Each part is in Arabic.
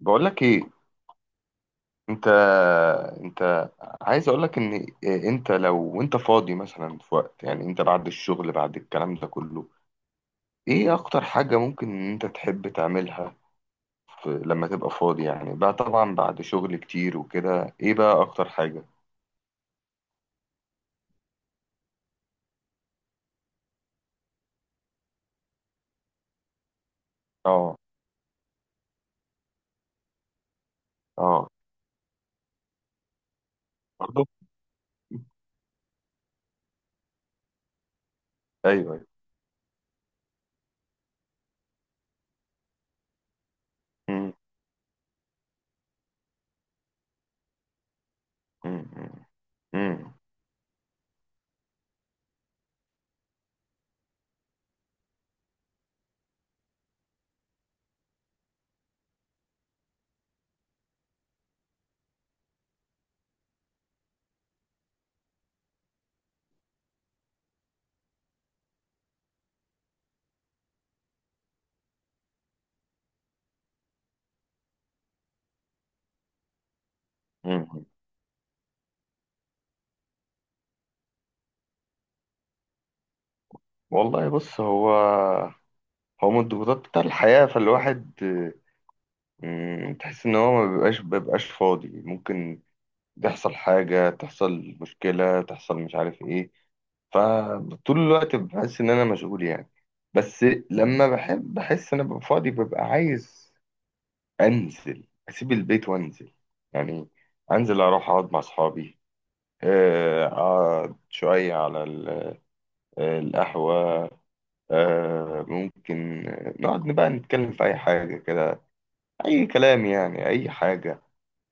بقول لك ايه؟ انت انت، عايز اقول لك ان إيه، لو انت فاضي مثلا في وقت، يعني انت بعد الشغل، بعد الكلام ده كله، ايه اكتر حاجة ممكن ان انت تحب تعملها في، لما تبقى فاضي؟ يعني بقى، طبعا بعد شغل كتير وكده، ايه بقى اكتر حاجة؟ اه. اه. برضه. ايوه، ايوه. مم. مم. مم. مم. مم. والله، بص. هو من الضغوطات بتاع الحياة، فالواحد تحس ان هو ما بيبقاش فاضي، ممكن تحصل حاجة، تحصل مشكلة، تحصل مش عارف ايه. فطول الوقت بحس ان انا مشغول يعني، بس لما بحب، بحس ان انا ببقى فاضي، ببقى عايز انزل، اسيب البيت وانزل، يعني انزل اروح اقعد مع اصحابي، اقعد شوية على القهوة. ممكن نقعد بقى، نتكلم في اي حاجة كده، اي كلام، يعني اي حاجة.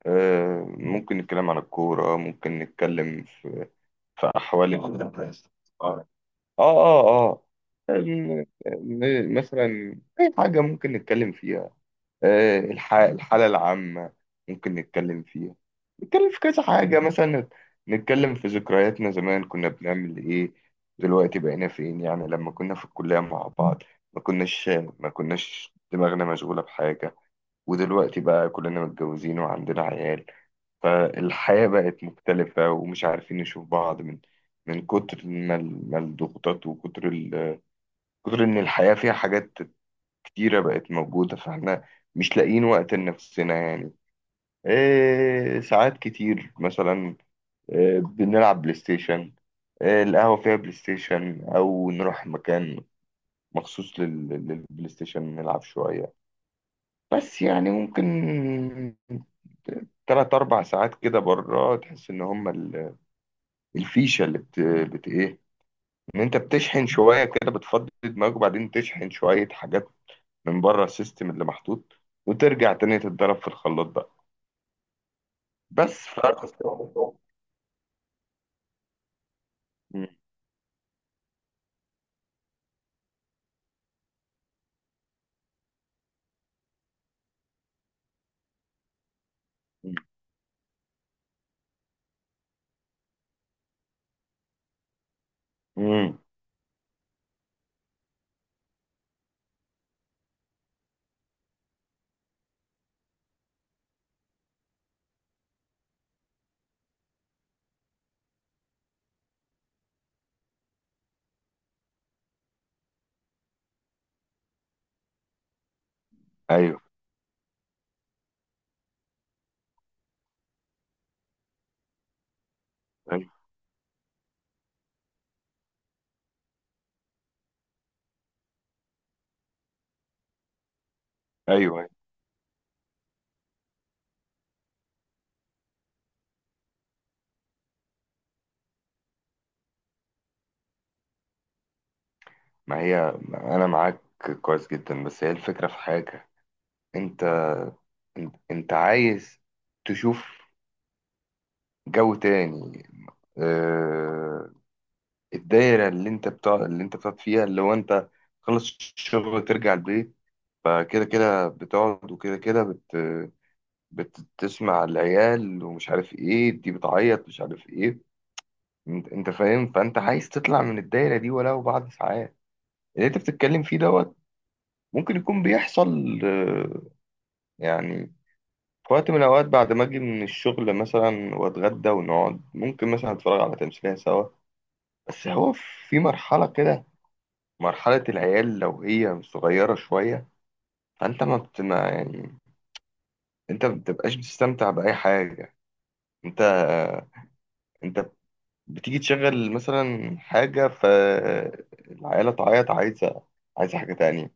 ممكن نتكلم عن الكورة، ممكن نتكلم في أحوال اه اه، اه. مثلا أي حاجة ممكن نتكلم فيها. الحالة العامة ممكن نتكلم فيها، نتكلم في كذا حاجة مثلا، نتكلم في ذكرياتنا زمان، كنا بنعمل إيه، دلوقتي بقينا فين. يعني لما كنا في الكلية مع بعض ما كناش، دماغنا مشغولة بحاجة، ودلوقتي بقى كلنا متجوزين وعندنا عيال، فالحياة بقت مختلفة ومش عارفين نشوف بعض، من كتر ما الضغوطات، وكتر كتر إن الحياة فيها حاجات كتيرة بقت موجودة، فإحنا مش لاقيين وقت لنفسنا يعني. إيه، ساعات كتير مثلا إيه، بنلعب بلاي ستيشن، إيه القهوة فيها بلاي ستيشن، أو نروح مكان مخصوص للبلاي ستيشن نلعب شوية. بس يعني ممكن تلات أربع ساعات كده بره، تحس إن هما الفيشه اللي بت... بت ايه، ان انت بتشحن شويه كده، بتفضي دماغك وبعدين تشحن شويه حاجات من بره السيستم اللي محطوط، وترجع تاني تتضرب في الخلاط بقى، بس ف مم. مم. ايوه، ايوه، ايوه. ما هي انا معاك كويس جدا، بس هي الفكره في حاجه. انت انت عايز تشوف جو تاني. آه، الدايره اللي انت بتاع، اللي انت بتقعد فيها، اللي هو انت خلص الشغل ترجع البيت، فكده كده بتقعد، وكده كده بتسمع العيال ومش عارف ايه، دي بتعيط، مش عارف ايه. انت فاهم؟ فانت عايز تطلع من الدايره دي ولو بعد ساعات. اللي انت بتتكلم فيه دوت ممكن يكون بيحصل. يعني في وقت من الاوقات بعد ما اجي من الشغل مثلا واتغدى ونقعد، ممكن مثلا اتفرج على تمثيليه سوا. بس هو في مرحله كده، مرحله العيال لو هي صغيره شويه، فانت ما يعني، انت ما بتبقاش بتستمتع باي حاجه. انت انت بتيجي تشغل مثلا حاجة، فالعيلة تعيط، عايزة حاجة تانية.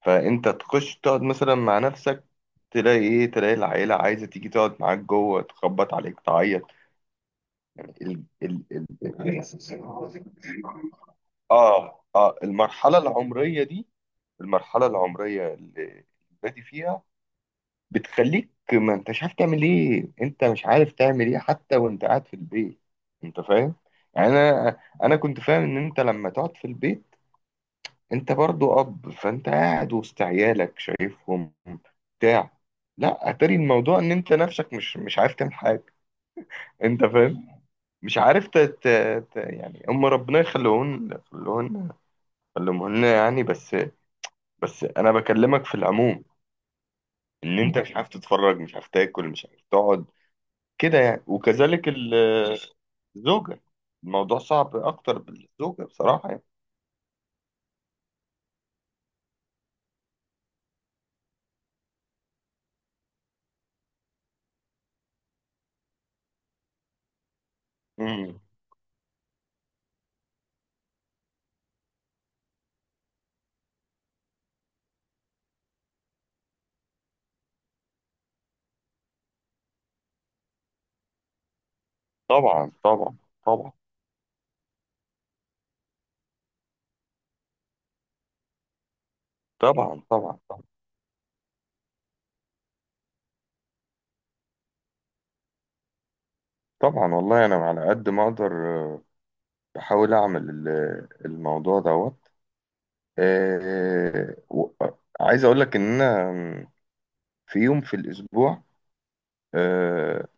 فانت تخش تقعد مثلا مع نفسك، تلاقي ايه؟ تلاقي العيلة عايزة تيجي تقعد معاك جوه، تخبط عليك، تعيط. ال... ال... ال... اه، اه. المرحلة العمرية دي، المرحلة العمرية اللي بادي فيها، بتخليك ما انتش عارف تعمل ايه. انت مش عارف تعمل ايه حتى وانت قاعد في البيت. انت فاهم؟ يعني انا كنت فاهم ان انت لما تقعد في البيت، انت برضو اب، فانت قاعد وسط عيالك شايفهم بتاع لا، اتاري الموضوع ان انت نفسك مش عارف تعمل حاجه. انت فاهم؟ مش عارف يعني هم، ربنا يخليهن يخليهن يخليهن يعني. بس انا بكلمك في العموم، ان انت مش عارف تتفرج، مش عارف تاكل، مش عارف تقعد كده يعني، وكذلك الزوجة. الموضوع صعب أكتر بالزوجة بصراحة يعني. مم. طبعا، طبعا، طبعا، طبعا، طبعا، طبعا، طبعا. والله أنا على قد ما أقدر، بحاول أعمل الموضوع دوت. عايز أقول لك إن أنا، في يوم في الأسبوع آه،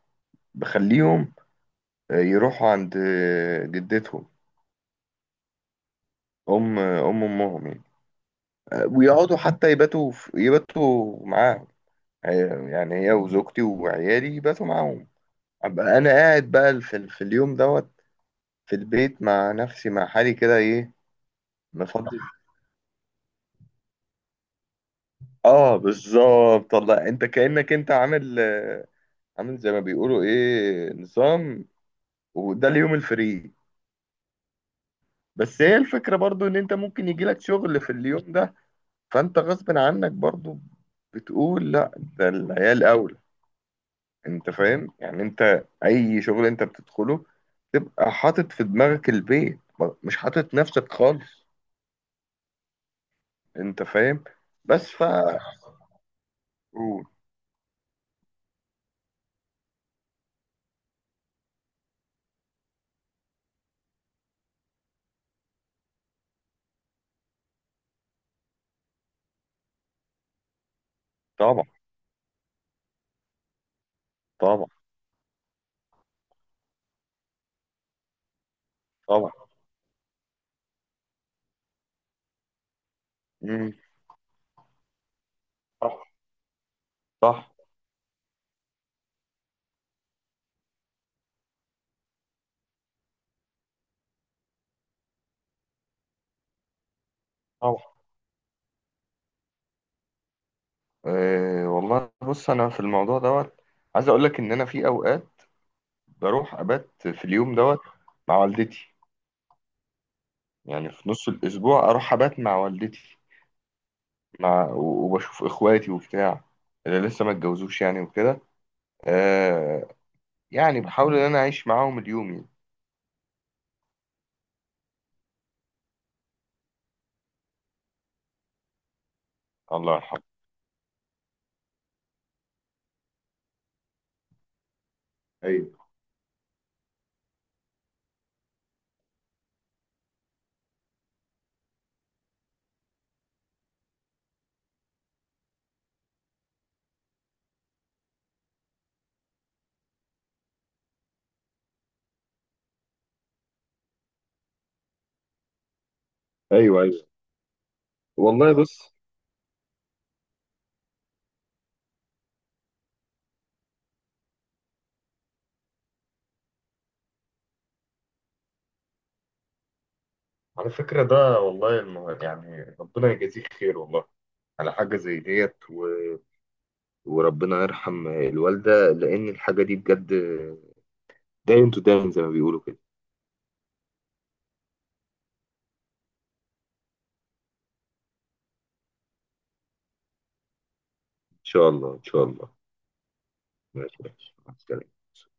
بخليهم يروحوا عند جدتهم، أم أم أمهم يعني، ويقعدوا حتى يباتوا يباتوا معاهم. يعني هي وزوجتي وعيالي باتوا معاهم، ابقى انا قاعد بقى في اليوم دوت في البيت مع نفسي مع حالي كده ايه. مفضل. اه، بالظبط. والله انت كأنك انت عامل عامل زي ما بيقولوا ايه، نظام، وده اليوم الفري. بس هي الفكرة برضو ان انت ممكن يجيلك شغل في اليوم ده، فانت غصب عنك برضو بتقول لا، ده العيال اولى. انت فاهم؟ يعني انت اي شغل انت بتدخله تبقى حاطط في دماغك البيت، مش حاطط نفسك خالص. انت فاهم؟ بس ف. قول. طبعا، طبعا، طبعا. مم. صح، صح. طبعا. أه، والله بص انا في الموضوع دوت عايز اقول لك ان انا في اوقات بروح ابات في اليوم دوت مع والدتي. يعني في نص الاسبوع اروح ابات مع والدتي، مع وبشوف اخواتي وبتاع اللي لسه ما اتجوزوش يعني وكده. آه، يعني بحاول ان انا اعيش معاهم اليوم يعني. الله يرحمه. ايوه، ايوه، ايوه. والله بص، على فكرة ده والله المهم، يعني ربنا يجازيه خير والله على حاجة زي ديت وربنا يرحم الوالدة، لأن الحاجة دي بجد داين تو داين زي ما بيقولوا كده. إن شاء الله، إن شاء الله. ماشي، ماشي، مع السلامة.